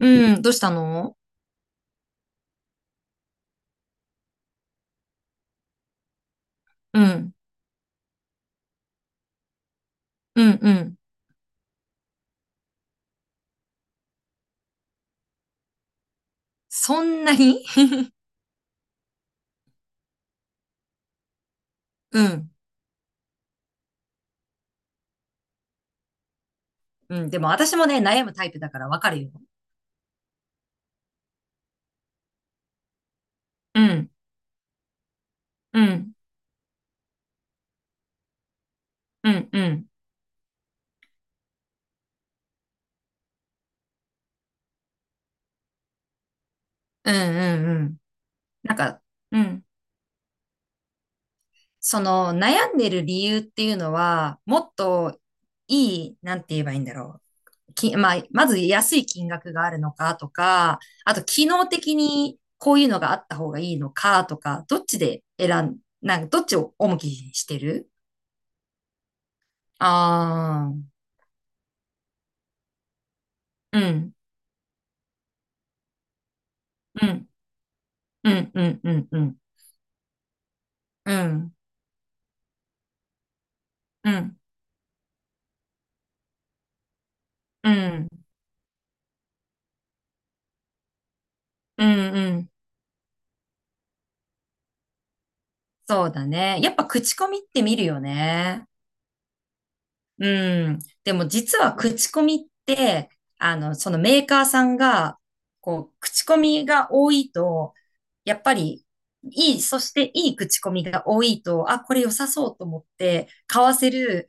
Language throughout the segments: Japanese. うん、どうしたの。うん、うん、うん。そんなに うん、うん、でも私もね、悩むタイプだからわかるよ。うん、うん、うん、うん、うん、なんか、うん、なんかうん、その悩んでる理由っていうのは、もっといい、なんて言えばいいんだろう。まあ、まず安い金額があるのかとか、あと機能的にこういうのがあった方がいいのかとか、どっちで選ん、なんかどっちを重きにしてる？ああー、うん。うん、うん、うん、うん、うん、うん、うん、うん、うん、うん。そうだね。やっぱ口コミって見るよね。うん。でも実は口コミって、そのメーカーさんが、こう、口コミが多いと、やっぱり、いい、そしていい口コミが多いと、あ、これ良さそうと思って、買わせる、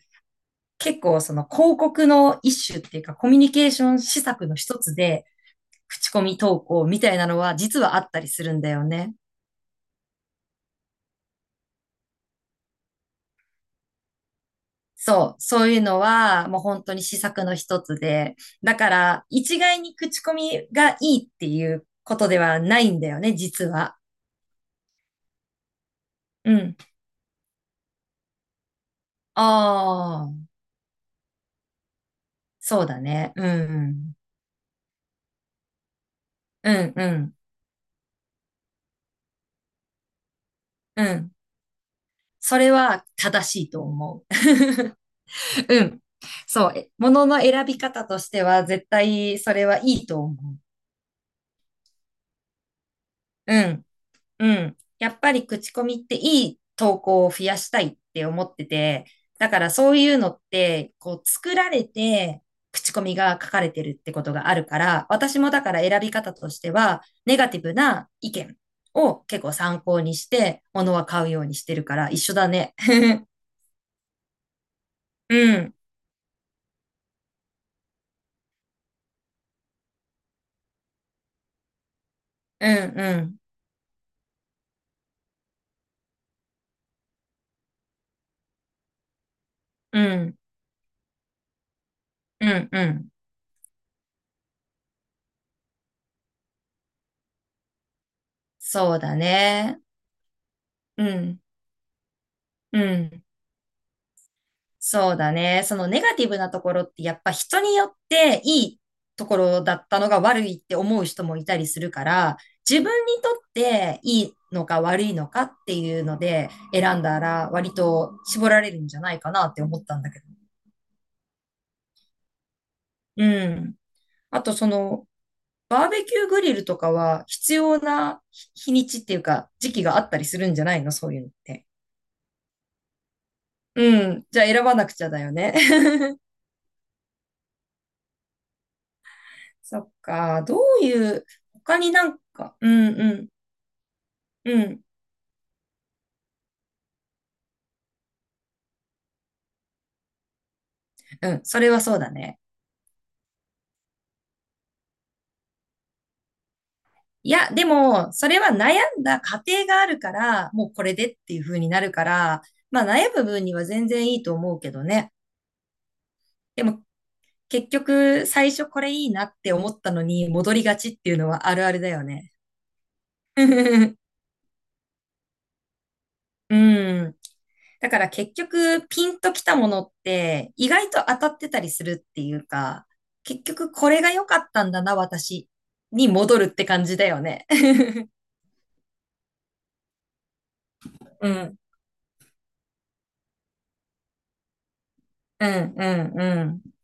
結構その広告の一種っていうか、コミュニケーション施策の一つで、口コミ投稿みたいなのは実はあったりするんだよね。そう、そういうのはもう本当に施策の一つで、だから一概に口コミがいいっていうことではないんだよね、実は。うん。ああ、そうだね。うん。うん、うん、うん。それは正しいと思う。うん。そう、ものの選び方としては絶対それはいいと思う。うん。うん。やっぱり口コミっていい投稿を増やしたいって思ってて、だからそういうのって、こう作られて口コミが書かれてるってことがあるから、私もだから選び方としては、ネガティブな意見を結構参考にして、物は買うようにしてるから一緒だね。うん、うん、うん、うん、うん、うん。そうだね。うん、うん。そうだね。そのネガティブなところってやっぱ人によっていいところだったのが悪いって思う人もいたりするから、自分にとっていいのか悪いのかっていうので選んだら割と絞られるんじゃないかなって思ったんだけど。うん。あとそのバーベキューグリルとかは必要な日にちっていうか時期があったりするんじゃないのそういうのって？うん。じゃあ選ばなくちゃだよね。そっか、どういう、他になんか、うんうん、うん、うん、それはそうだね。いや、でも、それは悩んだ過程があるから、もうこれでっていう風になるから、まあ悩む分には全然いいと思うけどね。でも、結局、最初これいいなって思ったのに戻りがちっていうのはあるあるだよね。うん。だから結局ピンときたものって意外と当たってたりするっていうか、結局これが良かったんだな、私に戻るって感じだよね。うん。うん、うん、うん。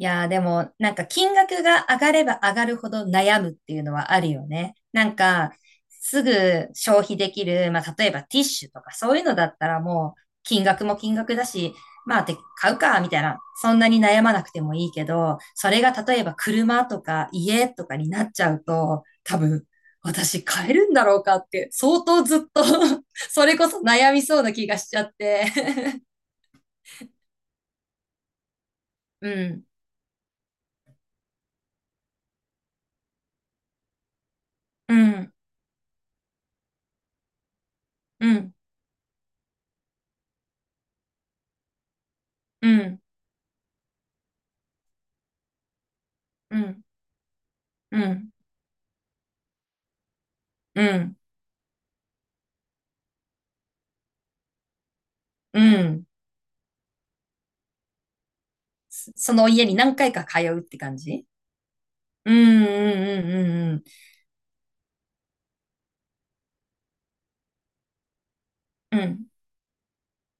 いやーでも、なんか金額が上がれば上がるほど悩むっていうのはあるよね。なんか、すぐ消費できる、まあ例えばティッシュとかそういうのだったらもう金額も金額だし、まあて買うか、みたいな。そんなに悩まなくてもいいけど、それが例えば車とか家とかになっちゃうと、多分、私買えるんだろうかって相当ずっと それこそ悩みそうな気がしちゃって うん、うん、うん、うん、うん、うん。うん、うん。その家に何回か通うって感じ？うん、うん、うん、うん、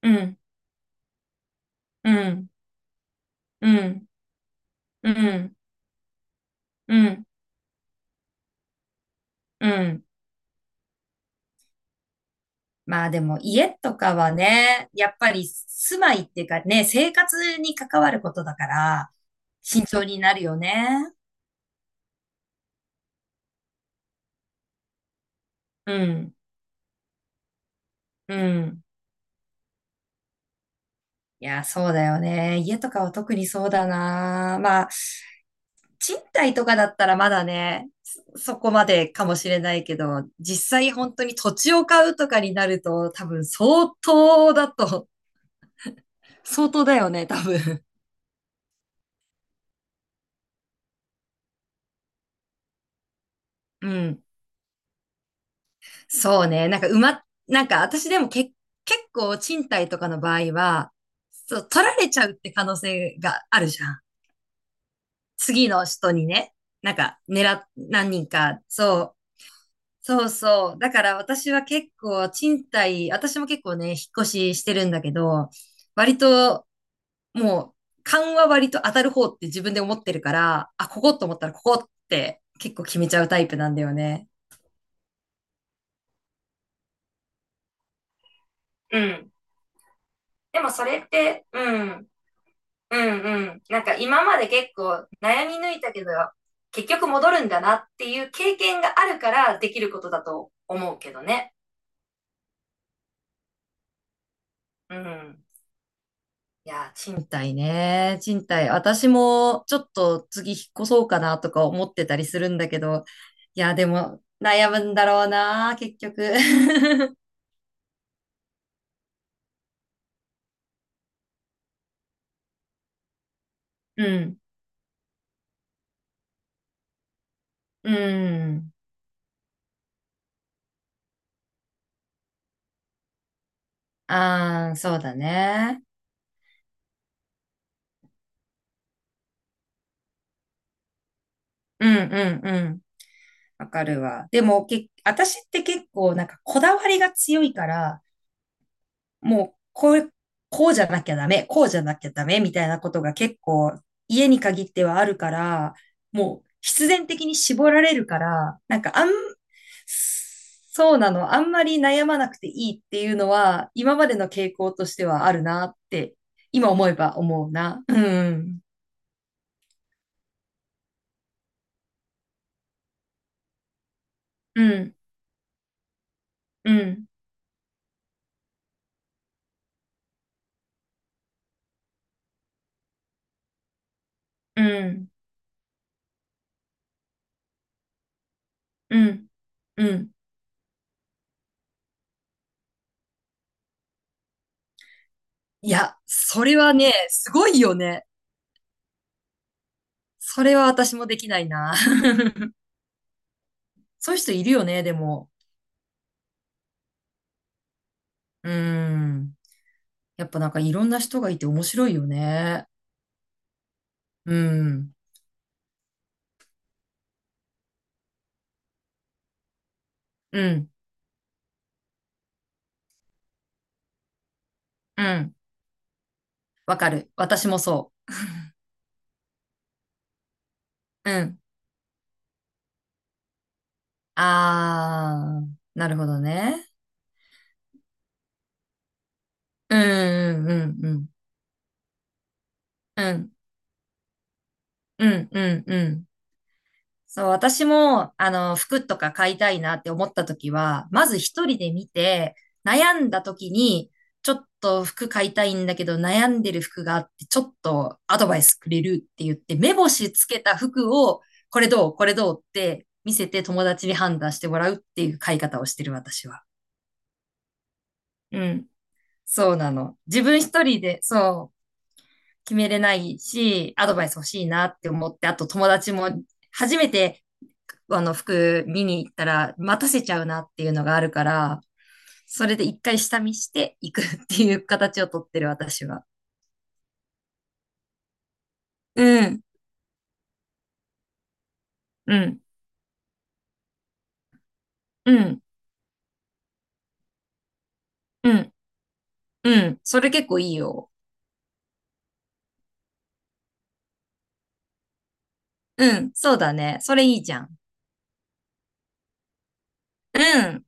うん、うん、うん、うん、うん、うん、うん。うん。まあでも家とかはね、やっぱり住まいっていうかね、生活に関わることだから、慎重になるよね。うん、うん。いや、そうだよね。家とかは特にそうだな。まあ、賃貸とかだったらまだね、そこまでかもしれないけど、実際本当に土地を買うとかになると、多分相当だと、相当だよね、多分。うん。そうね。なんかうま、なんか私でもけ、結構賃貸とかの場合は、そう、取られちゃうって可能性があるじゃん。次の人にね、なんか狙っ、何人か、そう、そうそう。だから私は結構賃貸、私も結構ね、引っ越ししてるんだけど、割ともう勘は割と当たる方って自分で思ってるから、あ、ここと思ったらここって結構決めちゃうタイプなんだよね。うん。でもそれって、うん、うんうん。なんか今まで結構悩み抜いたけど、結局戻るんだなっていう経験があるからできることだと思うけどね。うん。いやー、賃貸ね。賃貸。私もちょっと次引っ越そうかなとか思ってたりするんだけど。いやー、でも悩むんだろうな、結局。うん。うん。ああ、そうだね。うんうんうん。わかるわ。でも、私って結構なんかこだわりが強いから、もう、こう、こうじゃなきゃダメ、こうじゃなきゃダメみたいなことが結構家に限ってはあるから、もう必然的に絞られるから、そうなの、あんまり悩まなくていいっていうのは、今までの傾向としてはあるなって、今思えば思うな。うん、うん、うん、うん、うん、うん。いや、それはね、すごいよね。それは私もできないな。そういう人いるよね、でも。うん。やっぱなんかいろんな人がいて面白いよね。うん。うん。うん。わかる。私もそう。うん。あー、なるほどね。うん、うん、うん、うん。うん、うん、うん、うん。そう、私も、服とか買いたいなって思った時は、まず一人で見て、悩んだ時に、ちょっと服買いたいんだけど、悩んでる服があって、ちょっとアドバイスくれるって言って、目星つけた服を、これどうこれどうって見せて友達に判断してもらうっていう買い方をしてる私は。うん。そうなの。自分一人で、そう、決めれないし、アドバイス欲しいなって思って、あと友達も初めてあの服見に行ったら待たせちゃうなっていうのがあるから、それで一回下見していくっていう形をとってる私は。うん、うん、うん、うん、うん。それ結構いいよ。うん、そうだね。それいいじゃん。うん。